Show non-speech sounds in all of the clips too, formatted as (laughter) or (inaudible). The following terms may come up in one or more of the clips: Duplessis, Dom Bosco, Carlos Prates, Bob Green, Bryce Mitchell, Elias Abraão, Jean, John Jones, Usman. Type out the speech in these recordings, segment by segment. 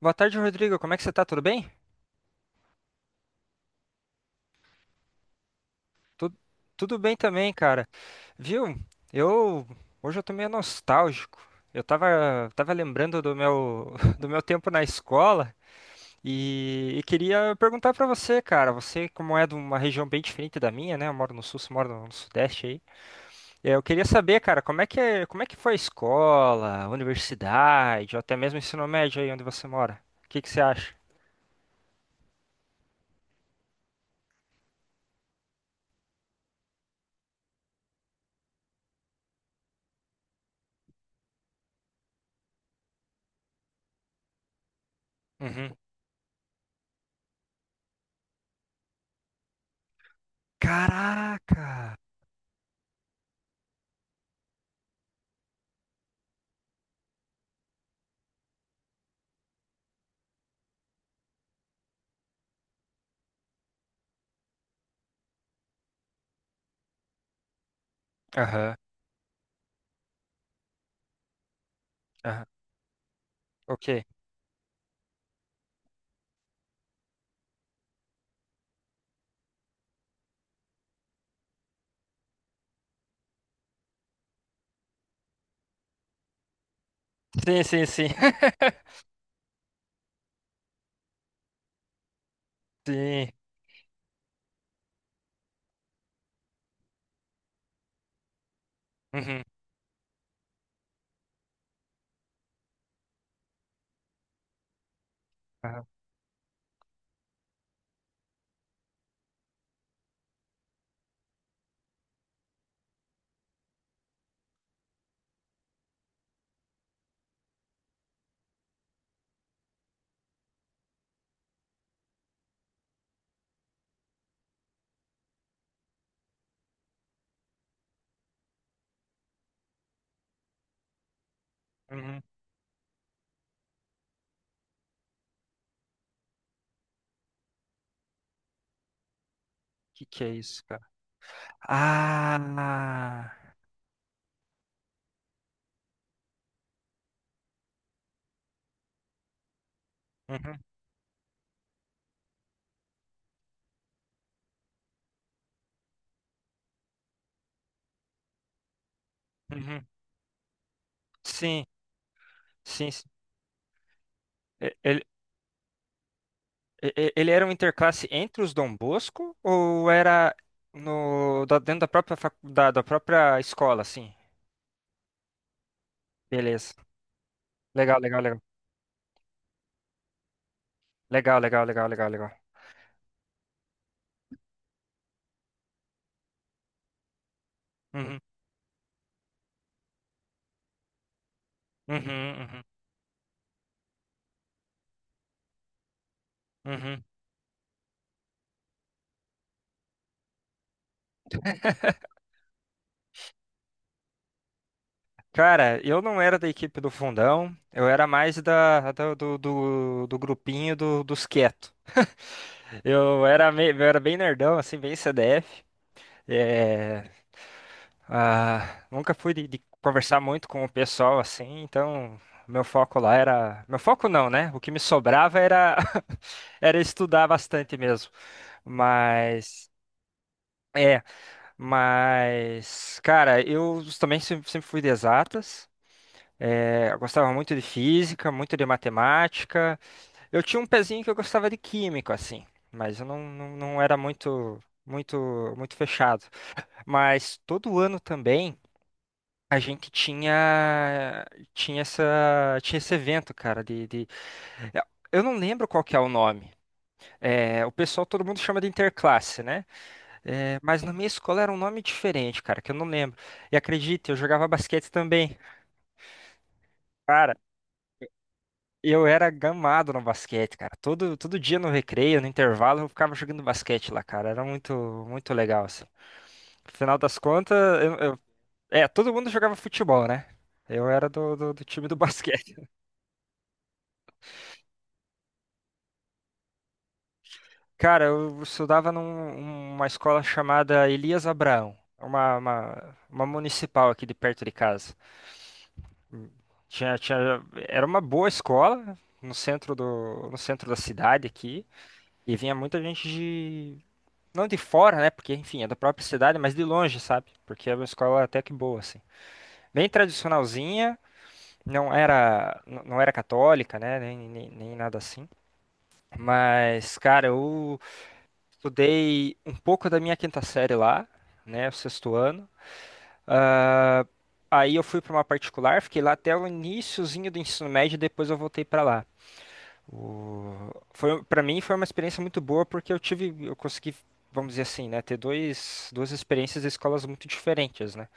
Boa tarde, Rodrigo. Como é que você tá? Tudo bem? Tu- Tudo bem também, cara. Viu? Eu Hoje eu tô meio nostálgico. Eu tava lembrando do (laughs) do meu tempo na escola e queria perguntar pra você, cara. Você, como é de uma região bem diferente da minha, né? Eu moro no sul, você mora no sudeste aí. Eu queria saber, cara, como é como é que foi a escola, a universidade, ou até mesmo o ensino médio aí onde você mora? O que que você acha? Uhum. Caraca! Aham, aham. Ok. Sim, sim, sim. (laughs) Sim. Uhum. Aham. Uhum. Que é isso, cara? Ah! Uhum. Uhum. Sim, sim, sim. Ele, ele era um interclasse entre os Dom Bosco ou era no, da- dentro da da, da própria escola, assim? Beleza. Legal, legal, legal. Legal, legal, legal, legal, legal. Uhum. Uhum. Uhum. Uhum. Cara, eu não era da equipe do fundão, eu era mais do, do grupinho dos quietos. (laughs) Eu eu era bem nerdão, assim, bem CDF. É, Nunca fui de conversar muito com o pessoal, assim, então meu foco lá era... Meu foco não, né? O que me sobrava era, (laughs) era estudar bastante mesmo. Mas... É, mas, cara, eu também sempre fui de exatas. É, eu gostava muito de física, muito de matemática. Eu tinha um pezinho que eu gostava de químico, assim, mas eu não era muito, muito fechado. Mas todo ano também a gente tinha esse evento, cara, é, eu não lembro qual que é o nome. É, o pessoal, todo mundo chama de interclasse, né? É, mas na minha escola era um nome diferente, cara, que eu não lembro. E acredita, eu jogava basquete também. Eu era gamado no basquete, cara. Todo dia no recreio, no intervalo, eu ficava jogando basquete lá, cara. Era muito legal, assim. Final das contas, eu, eu- todo mundo jogava futebol, né? Eu era do time do basquete. (laughs) Cara, eu estudava numa escola chamada Elias Abraão, uma municipal aqui de perto de casa. Tinha, tinha, Era uma boa escola no no centro da cidade aqui. E vinha muita gente. Não de fora, né? Porque, enfim, é da própria cidade, mas de longe, sabe? Porque é uma escola até que boa, assim. Bem tradicionalzinha, não era católica, né? Nem nada assim. Mas, cara, eu estudei um pouco da minha quinta série lá, né? O sexto ano. Ah, aí eu fui pra uma particular, fiquei lá até o iniciozinho do ensino médio, depois eu voltei pra lá. Foi, para mim foi uma experiência muito boa porque eu consegui, vamos dizer assim, né, ter duas experiências de escolas muito diferentes, né?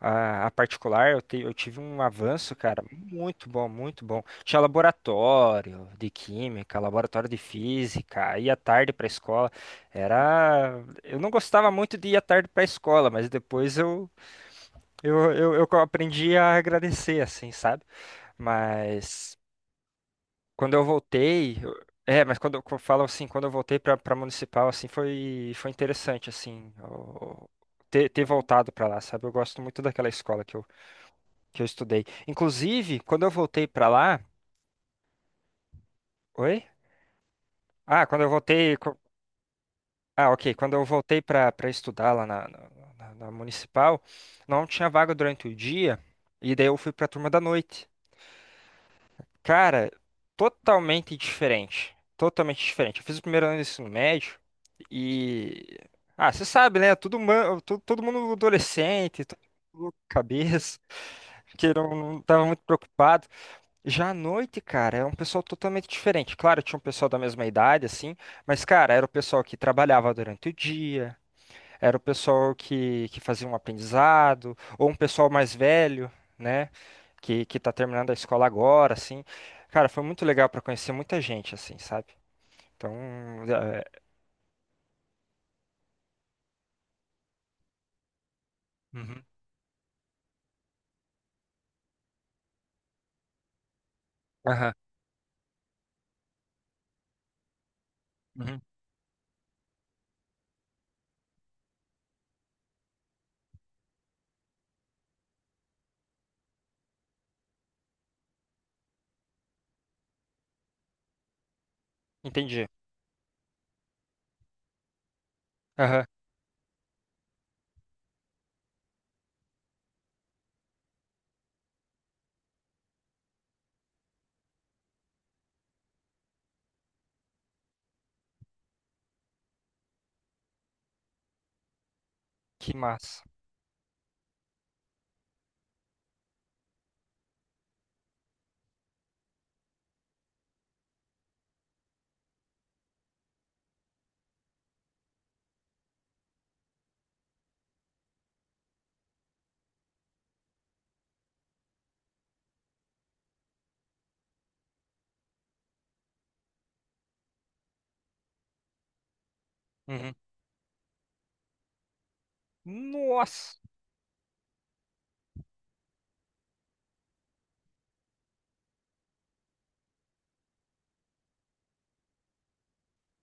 A particular, eu tive um avanço, cara, muito bom. Tinha laboratório de química, laboratório de física, ia tarde para a escola. Era, eu não gostava muito de ir à tarde para a escola, mas depois eu aprendi a agradecer, assim, sabe? Mas quando eu mas quando eu falo assim, quando eu voltei pra para municipal, assim, foi foi interessante assim, ter voltado pra lá, sabe? Eu gosto muito daquela escola que eu estudei. Inclusive, quando eu voltei pra lá, oi? Ah, quando eu ah, ok, quando eu voltei pra para estudar lá na, na na municipal, não tinha vaga durante o dia, e daí eu fui pra turma da noite. Cara, totalmente diferente. Totalmente diferente. Eu fiz o primeiro ano do ensino médio e. Ah, você sabe, né? Todo mundo adolescente, todo mundo louco de cabeça, (laughs) que não tava muito preocupado. Já à noite, cara, é um pessoal totalmente diferente. Claro, tinha um pessoal da mesma idade, assim, mas, cara, era o pessoal que trabalhava durante o dia. Era o pessoal que fazia um aprendizado, ou um pessoal mais velho, né? Que tá terminando a escola agora, assim. Cara, foi muito legal para conhecer muita gente, assim, sabe? Então, é... Uhum. Aham. Uhum. Entendi. Aham. Que massa. Uhum. Nossa!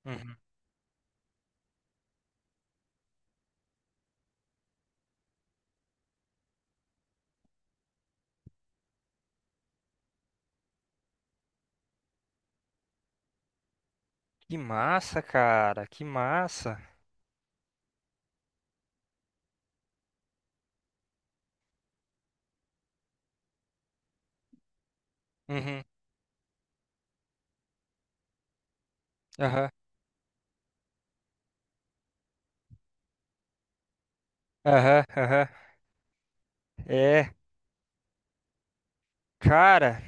Uhum. Que massa, cara. Que massa. Uhum. Aham. Aham. Aham. É. Cara.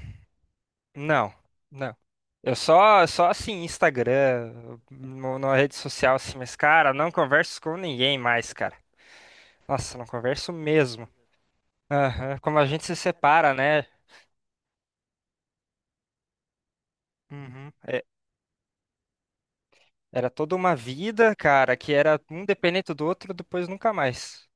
Não, não. Eu só assim, Instagram, numa rede social assim, mas cara, não converso com ninguém mais, cara. Nossa, não converso mesmo. Aham. Como a gente se separa, né? Uhum. É, era toda uma vida, cara, que era um dependente do outro, depois nunca mais.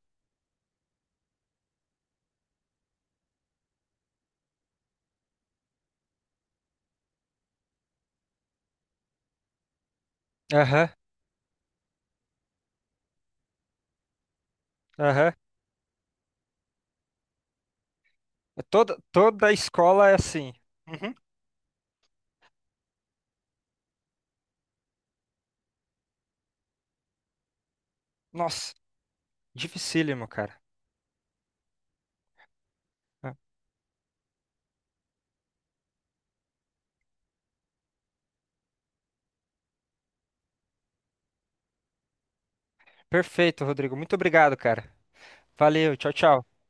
Aham, aham. É. Toda a escola é assim. Uhum. Nossa, dificílimo, cara. Ah, perfeito, Rodrigo. Muito obrigado, cara. Valeu, tchau, tchau.